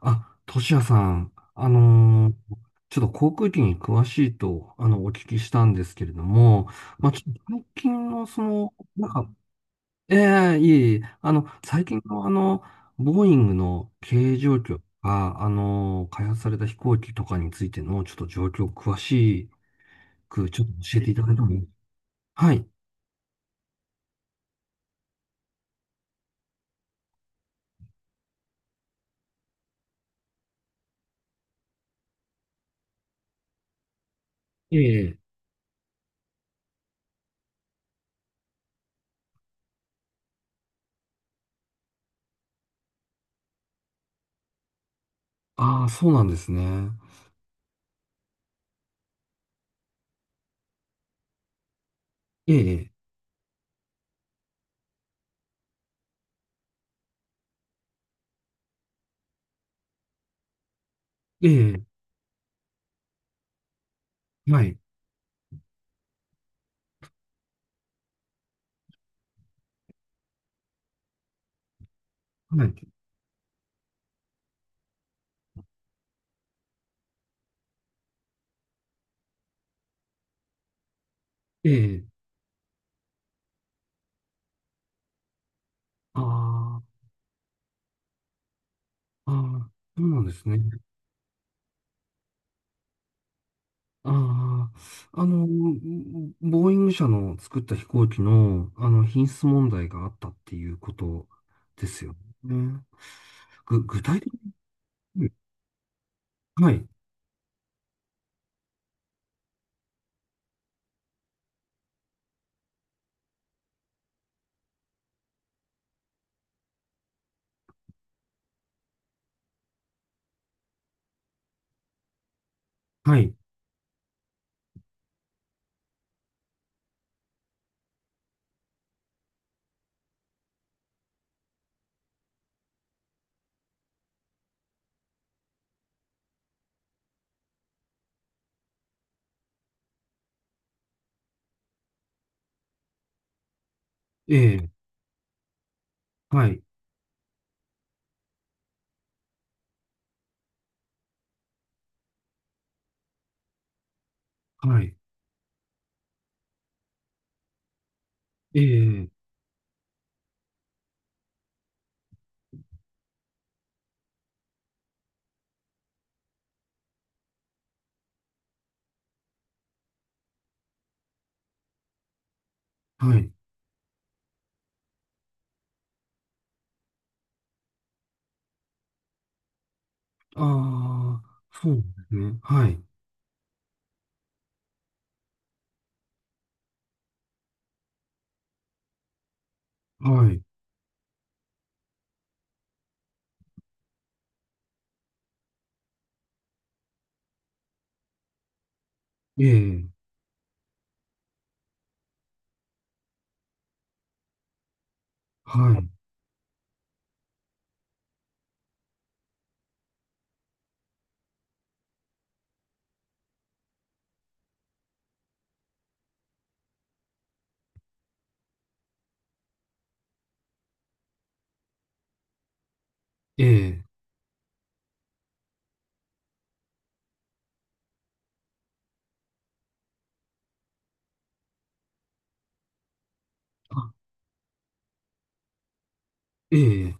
あ、トシヤさん、ちょっと航空機に詳しいと、お聞きしたんですけれども、まあ、ちょっと最近の、ええ、いえいえ、最近の、ボーイングの経営状況とか、開発された飛行機とかについての、ちょっと状況詳しく、ちょっと教えていただいてもいい？はい。ええ、ああー、そうなんですね。ええ、ええ、はい。はい。ええ、ああ、ああ、そうなんですね。ああ、ボーイング社の作った飛行機の、品質問題があったっていうことですよね。具体的に、はい、はい、ええ、はい、はい、ええ、はい、ああ、そうですね、はい、はい、ええ、はい、ええ、あ、ええ、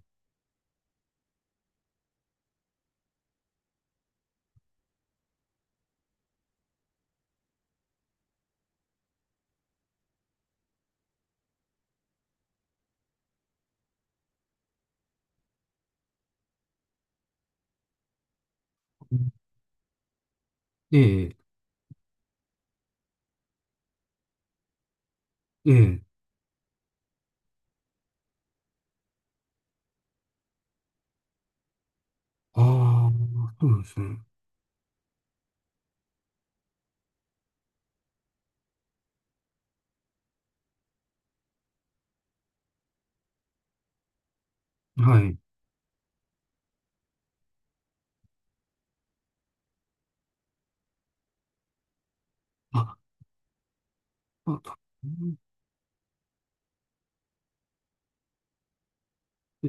ええ、ええ、ああ、そうなんですね、はい、あ、あ、うん、ええ、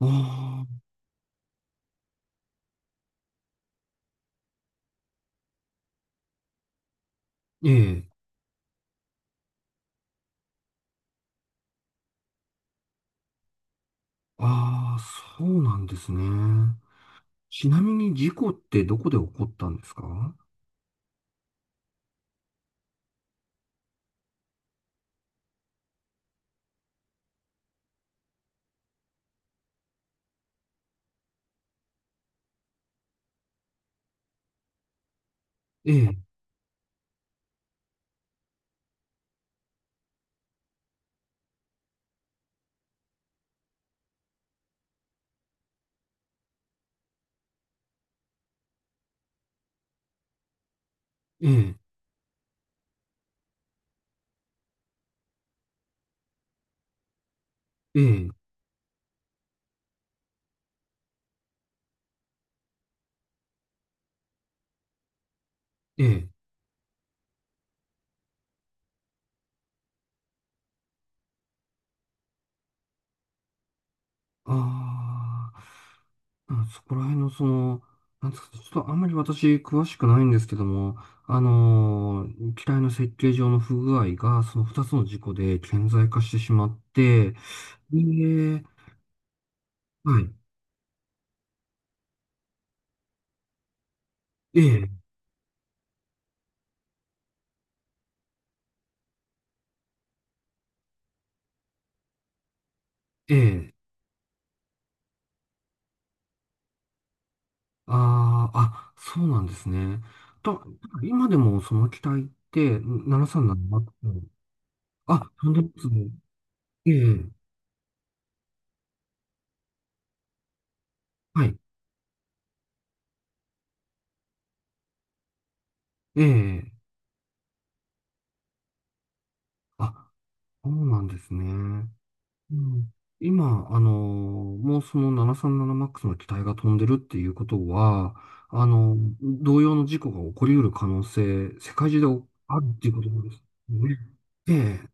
ああ、ええ、ああ、そうなんですね。ちなみに事故ってどこで起こったんですか？ええ、ええ、ええ、ええ。ああ、うん、そこら辺のなんですかね、ちょっとあんまり私詳しくないんですけども、機体の設計上の不具合がその2つの事故で顕在化してしまって、で、はい、ええ、ええ、ああ、あ、そうなんですね。と、今でもその機体って737って、あ、飛んでますね。ええ、はい、ええ、あ、そうなんですね。うん、今、もうその7 3 7ックスの機体が飛んでるっていうことは、あの、同様の事故が起こり得る可能性、世界中であるっていうことですね。ええ、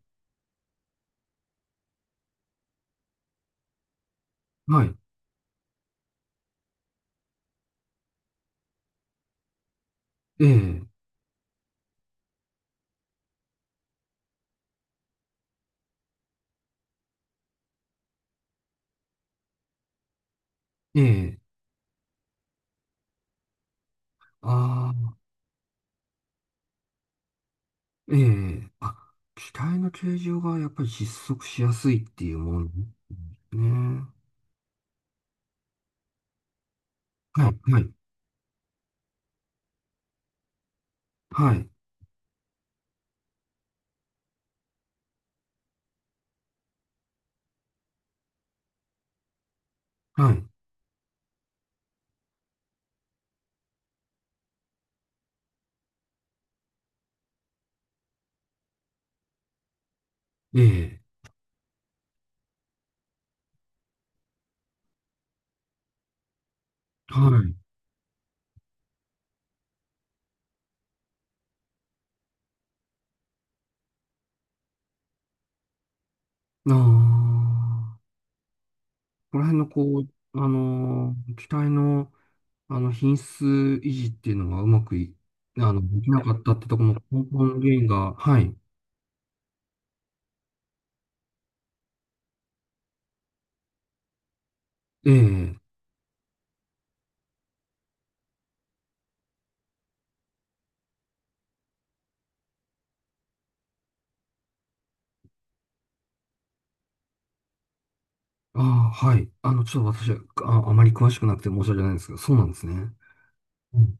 はい、ええ、ええ、あ。ええ、あ、機体の形状がやっぱり失速しやすいっていうものね。はい、はい、はい、はい、ええ、はい。ああ、この辺の機体の、品質維持っていうのがうまくできなかったってところの根本原因が、はい、ええ、ああ、はい。ちょっと私は、あ、あまり詳しくなくて申し訳ないんですけど、そうなんですね。うん、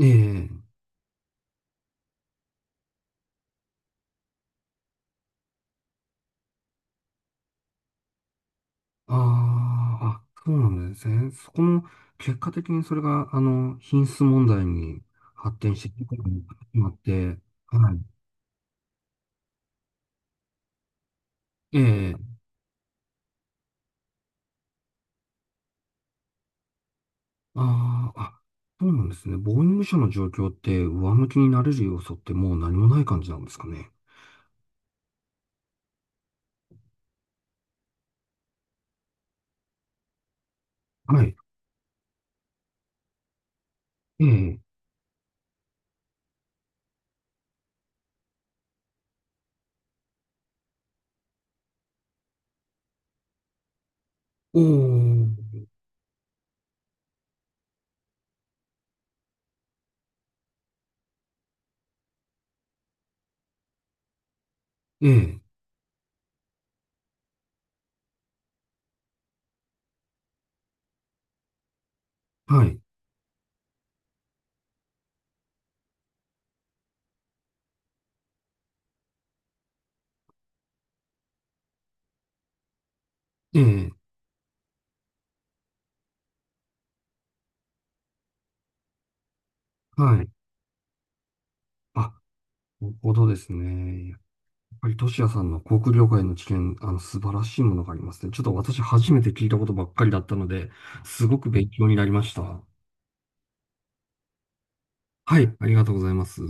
ええ、あーあ、そうなんですね。そこも、結果的にそれが、品質問題に発展していくことになって、はい。ええ、あーあ、そうなんですね。ボーイング社の状況って、上向きになれる要素ってもう何もない感じなんですかね。はい。ええ、おー、ええ、はい。ええ、はい。あ、なるほどですね。はい、トシヤさんの航空業界の知見、素晴らしいものがありますね。ちょっと私初めて聞いたことばっかりだったので、すごく勉強になりました。はい、ありがとうございます。